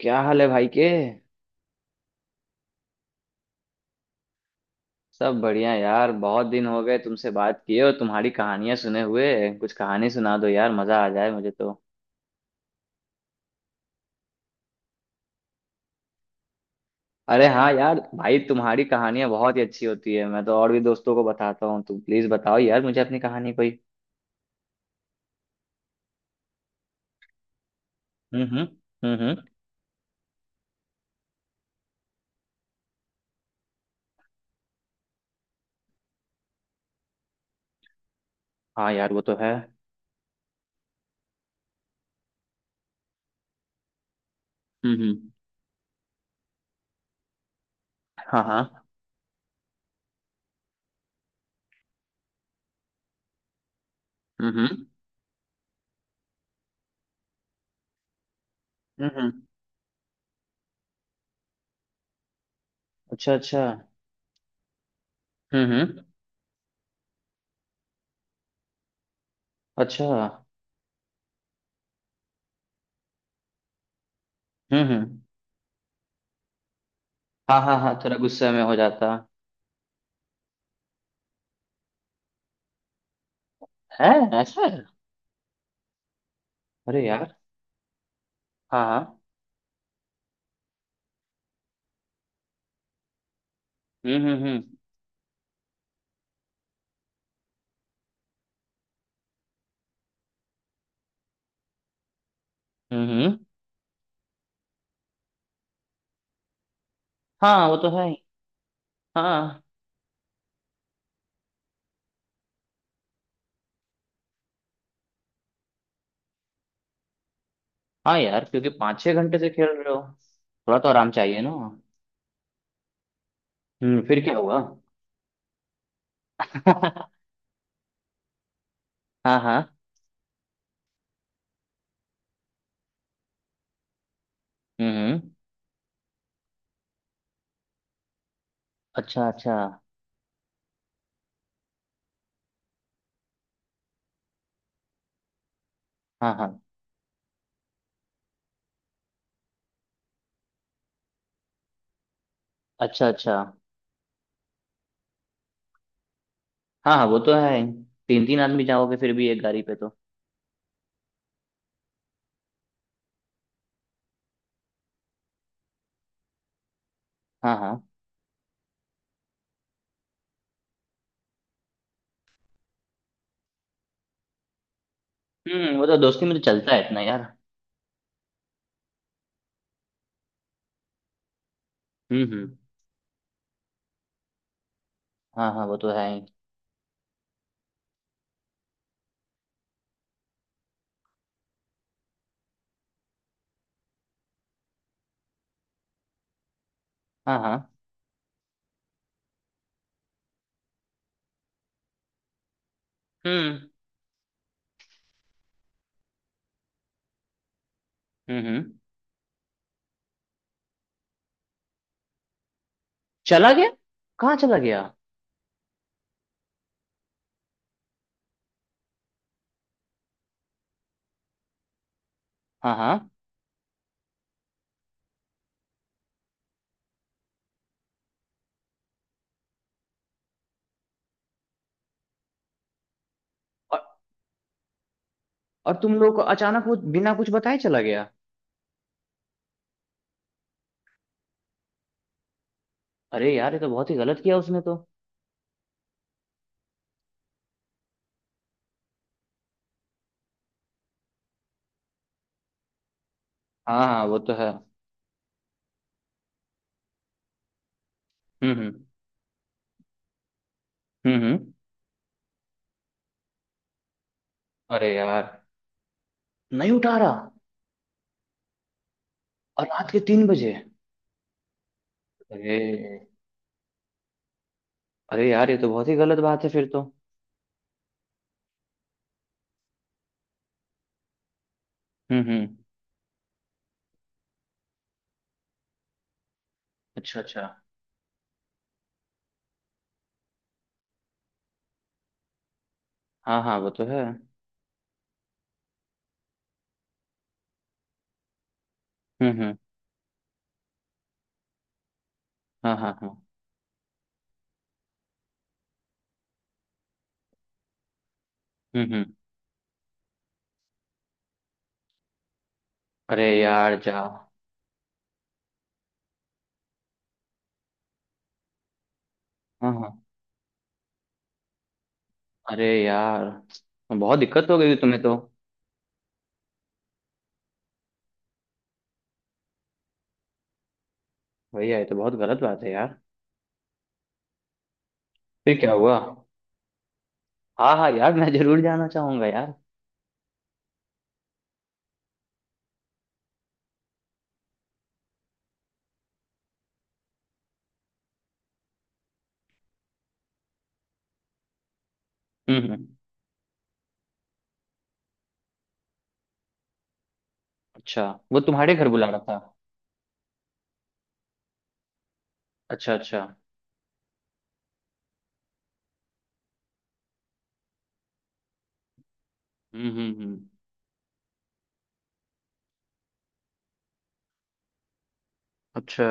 क्या हाल है भाई के। सब बढ़िया यार, बहुत दिन हो गए तुमसे बात किए और तुम्हारी कहानियां सुने हुए। कुछ कहानी सुना दो यार, मजा आ जाए मुझे तो। अरे हाँ यार, भाई तुम्हारी कहानियां बहुत ही अच्छी होती है, मैं तो और भी दोस्तों को बताता हूँ। तुम प्लीज बताओ यार मुझे अपनी कहानी कोई। हम्म। हम्म। हाँ यार, वो तो है। हम्म। हाँ हाँ। हम्म। हम्म। अच्छा अच्छा। हम्म। अच्छा। हम्म। हाँ हाँ हाँ, थोड़ा गुस्से में हो जाता है। ऐसा है। अरे यार। हाँ हाँ। हम्म। हम्म। हाँ, वो तो है ही। हाँ हाँ यार, क्योंकि 5-6 घंटे से खेल रहे हो, थोड़ा तो आराम चाहिए ना। हम्म, फिर क्या हुआ? हाँ हाँ। हम्म। अच्छा अच्छा। हाँ हाँ। अच्छा अच्छा। हाँ हाँ, वो तो है। तीन तीन आदमी जाओगे फिर भी एक गाड़ी पे तो। हाँ हाँ। हम्म, वो तो दोस्ती में तो चलता है इतना यार। हम्म। हाँ हाँ, वो तो है ही। हाँ हाँ। हम्म हम्म हम्म। चला गया? कहाँ चला गया? हाँ हाँ। और, और तुम लोग को अचानक वो बिना कुछ बताए चला गया। अरे यार, ये तो बहुत ही गलत किया उसने तो। हाँ हाँ, वो तो है। हम्म। हम्म हम्म। अरे यार, नहीं उठा रहा। और रात के 3 बजे। अरे। अरे यार, ये तो बहुत ही गलत बात है फिर तो। हम्म। अच्छा अच्छा। हाँ हाँ, वो तो है। हम्म। हाँ हाँ हाँ। हम्म। अरे यार जा हाँ हाँ। अरे यार, बहुत दिक्कत हो गई तुम्हें तो। भैया, ये तो बहुत गलत बात है यार। फिर क्या हुआ? हाँ हाँ यार, मैं जरूर जाना चाहूंगा यार। हम्म। अच्छा, वो तुम्हारे घर बुला रहा था? अच्छा अच्छा। हम्म। अच्छा।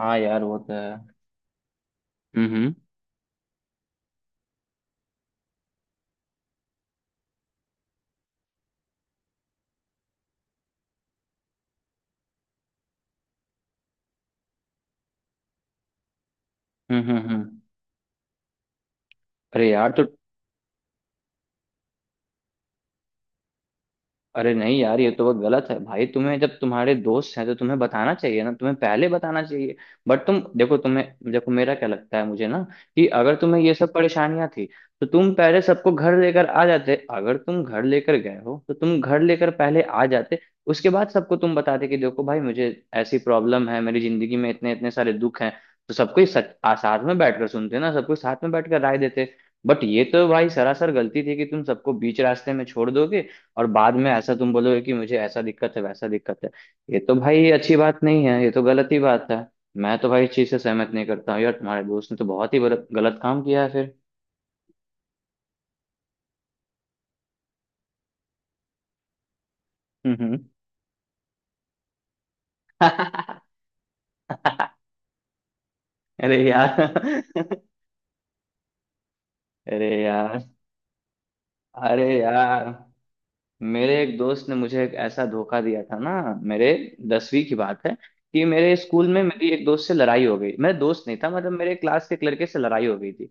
हाँ यार, वो तो है। हम्म। हम्म। हम्म। अरे यार तो अरे नहीं यार, ये तो बहुत गलत है भाई। तुम्हें जब तुम्हारे दोस्त हैं तो तुम्हें बताना चाहिए ना, तुम्हें पहले बताना चाहिए। बट तुम देखो, तुम्हें देखो मेरा क्या लगता है मुझे ना, कि अगर तुम्हें ये सब परेशानियां थी, तो तुम पहले सबको घर लेकर आ जाते। अगर तुम घर लेकर गए हो तो तुम घर लेकर पहले आ जाते। उसके बाद सबको तुम बताते कि देखो भाई, मुझे ऐसी प्रॉब्लम है, मेरी जिंदगी में इतने इतने सारे दुख हैं। तो सबको ही साथ में बैठकर सुनते ना, सबको साथ में बैठकर राय देते। बट ये तो भाई सरासर गलती थी कि तुम सबको बीच रास्ते में छोड़ दोगे, और बाद में ऐसा तुम बोलोगे कि मुझे ऐसा दिक्कत है, वैसा दिक्कत है। ये तो भाई अच्छी बात नहीं है, ये तो गलत ही बात है। मैं तो भाई इस चीज से सहमत नहीं करता हूँ यार, तुम्हारे दोस्त ने तो बहुत ही गलत गलत काम किया है फिर। हम्म। हम्म। अरे यार। अरे यार। अरे यार, मेरे एक दोस्त ने मुझे एक ऐसा धोखा दिया था ना। मेरे 10वीं की बात है। कि मेरे स्कूल में मेरी एक दोस्त से लड़ाई हो गई। मेरा दोस्त नहीं था, मतलब मेरे क्लास के एक लड़के से लड़ाई हो गई थी।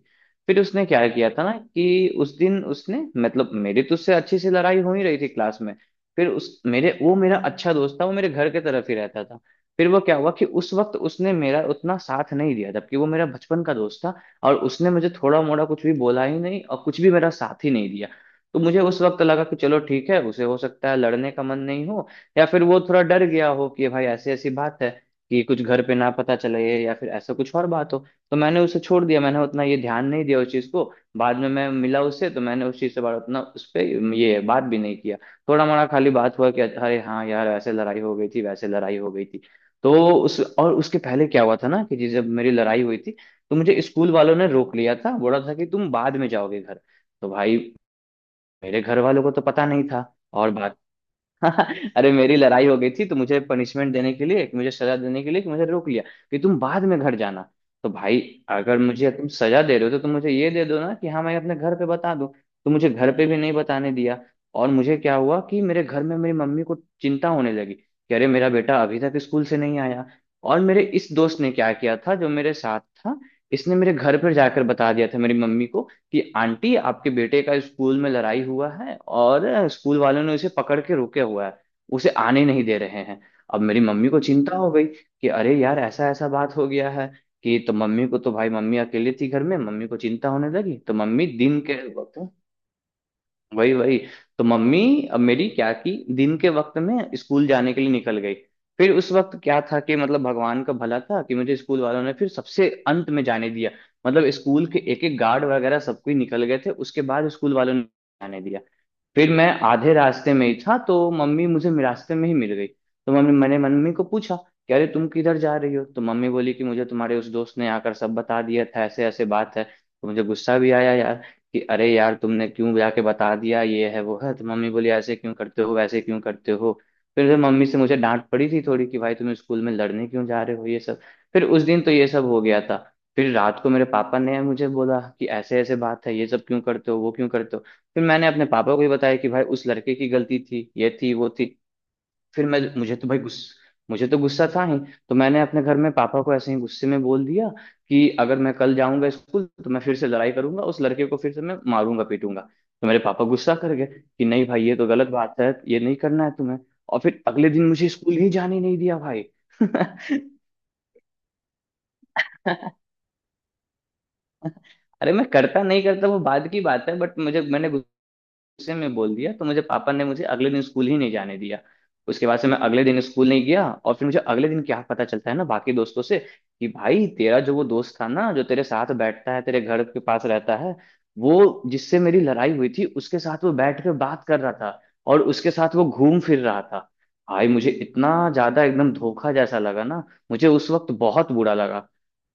फिर उसने क्या किया था ना, कि उस दिन उसने मतलब मेरी तो उससे अच्छी सी लड़ाई हो ही रही थी क्लास में। फिर उस मेरे वो मेरा अच्छा दोस्त था, वो मेरे घर के तरफ ही रहता था। फिर वो क्या हुआ कि उस वक्त उसने मेरा उतना साथ नहीं दिया, जबकि वो मेरा बचपन का दोस्त था। और उसने मुझे थोड़ा मोड़ा कुछ भी बोला ही नहीं, और कुछ भी मेरा साथ ही नहीं दिया। तो मुझे उस वक्त लगा कि चलो ठीक है, उसे हो सकता है लड़ने का मन नहीं हो, या फिर वो थोड़ा डर गया हो कि भाई ऐसी ऐसी बात है, कि कुछ घर पे ना पता चले, या फिर ऐसा कुछ और बात हो। तो मैंने उसे छोड़ दिया, मैंने उतना ये ध्यान नहीं दिया उस चीज़ को। बाद में मैं मिला उससे तो मैंने उस चीज़ से बात उतना उस पर ये बात भी नहीं किया। थोड़ा मोड़ा खाली बात हुआ कि अरे हाँ यार, वैसे लड़ाई हो गई थी, वैसे लड़ाई हो गई थी। तो उस और उसके पहले क्या हुआ था ना, कि जब मेरी लड़ाई हुई थी, तो मुझे स्कूल वालों ने रोक लिया था, बोला था कि तुम बाद में जाओगे घर। तो भाई, मेरे घर वालों को तो पता नहीं था। और बात। अरे, मेरी लड़ाई हो गई थी तो मुझे पनिशमेंट देने के लिए, मुझे सजा देने के लिए, कि मुझे रोक लिया कि तुम बाद में घर जाना। तो भाई, अगर मुझे तुम सजा दे रहे हो तो तुम मुझे ये दे दो ना, कि हाँ, मैं अपने घर पे बता दूं। तो मुझे घर पे भी नहीं बताने दिया। और मुझे क्या हुआ कि मेरे घर में मेरी मम्मी को चिंता होने लगी कि अरे, मेरा बेटा अभी तक स्कूल से नहीं आया। और मेरे इस दोस्त ने क्या किया था जो मेरे साथ था, इसने मेरे घर पर जाकर बता दिया था मेरी मम्मी को कि आंटी, आपके बेटे का स्कूल में लड़ाई हुआ है, और स्कूल वालों ने उसे पकड़ के रोके हुआ है, उसे आने नहीं दे रहे हैं। अब मेरी मम्मी को चिंता हो गई कि अरे यार, ऐसा ऐसा बात हो गया है। कि तो मम्मी को तो भाई, मम्मी अकेले थी घर में, मम्मी को चिंता होने लगी, तो मम्मी दिन के वक्त। वही वही। तो मम्मी, अब मेरी क्या की दिन के वक्त में स्कूल जाने के लिए निकल गई। फिर उस वक्त क्या था कि मतलब भगवान का भला था कि मुझे स्कूल वालों ने फिर सबसे अंत में जाने दिया। मतलब स्कूल के एक एक गार्ड वगैरह सब कोई निकल गए थे, उसके बाद स्कूल वालों ने जाने दिया। फिर मैं आधे रास्ते में ही था, तो मम्मी मुझे रास्ते में ही मिल गई। तो मम्मी, मैंने मम्मी को पूछा कि अरे, तुम किधर जा रही हो? तो मम्मी बोली कि मुझे तुम्हारे उस दोस्त ने आकर सब बता दिया था, ऐसे ऐसे बात है। तो मुझे गुस्सा भी आया यार, कि अरे यार, तुमने क्यों जाके बता दिया, ये है वो है। तो मम्मी बोली, ऐसे क्यों करते हो, वैसे क्यों करते हो। फिर से मम्मी से मुझे डांट पड़ी थी थोड़ी कि भाई, तुम स्कूल में लड़ने क्यों जा रहे हो ये सब। फिर उस दिन तो ये सब हो गया था। फिर रात को मेरे पापा ने मुझे बोला कि ऐसे ऐसे बात है, ये सब क्यों करते हो, वो क्यों करते हो। फिर मैंने अपने पापा को भी बताया कि भाई, उस लड़के की गलती थी, ये थी वो थी। फिर मैं मुझे तो भाई गुस्स मुझे तो गुस्सा था ही। तो मैंने अपने घर में पापा को ऐसे ही गुस्से में बोल दिया कि अगर मैं कल जाऊंगा स्कूल तो मैं फिर से लड़ाई करूंगा उस लड़के को, फिर से मैं मारूंगा पीटूंगा। तो मेरे पापा गुस्सा कर गए कि नहीं भाई, ये तो गलत बात है, ये नहीं करना है तुम्हें। और फिर अगले दिन मुझे स्कूल ही जाने नहीं दिया भाई। अरे, मैं करता नहीं करता वो बाद की बात है, बट मुझे मैंने गुस्से में बोल दिया, तो मुझे पापा ने मुझे अगले दिन स्कूल ही नहीं जाने दिया। उसके बाद से मैं अगले दिन स्कूल नहीं गया, और फिर मुझे अगले दिन क्या पता चलता है ना बाकी दोस्तों से, कि भाई तेरा जो वो दोस्त था ना, जो तेरे साथ बैठता है, तेरे घर के पास रहता है, वो जिससे मेरी लड़ाई हुई थी उसके साथ वो बैठ के बात कर रहा था, और उसके साथ वो घूम फिर रहा था। भाई, मुझे इतना ज्यादा एकदम धोखा जैसा लगा ना, मुझे उस वक्त बहुत बुरा लगा।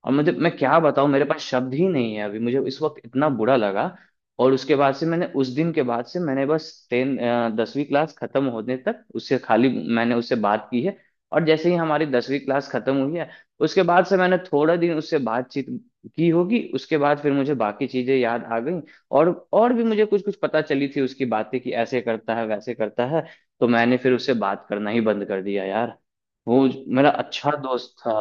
और मुझे, मैं क्या बताऊं, मेरे पास शब्द ही नहीं है अभी, मुझे इस वक्त इतना बुरा लगा। और उसके बाद से मैंने, उस दिन के बाद से मैंने बस टेन 10वीं क्लास खत्म होने तक उससे खाली मैंने उससे बात की है। और जैसे ही हमारी 10वीं क्लास खत्म हुई है, उसके बाद से मैंने थोड़ा दिन उससे बातचीत की होगी, उसके बाद फिर मुझे बाकी चीजें याद आ गई। और भी मुझे कुछ कुछ पता चली थी उसकी बातें, कि ऐसे करता है वैसे करता है। तो मैंने फिर उससे बात करना ही बंद कर दिया यार। वो मेरा अच्छा दोस्त था।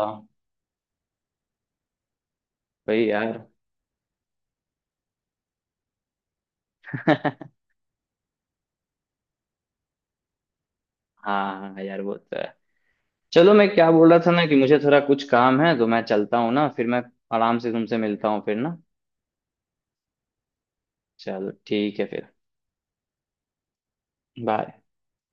भाई यार। हाँ यार, वो तो है। चलो, मैं क्या बोल रहा था ना कि मुझे थोड़ा कुछ काम है, तो मैं चलता हूँ ना, फिर मैं आराम से तुमसे मिलता हूँ फिर ना। चलो ठीक है फिर। बाय।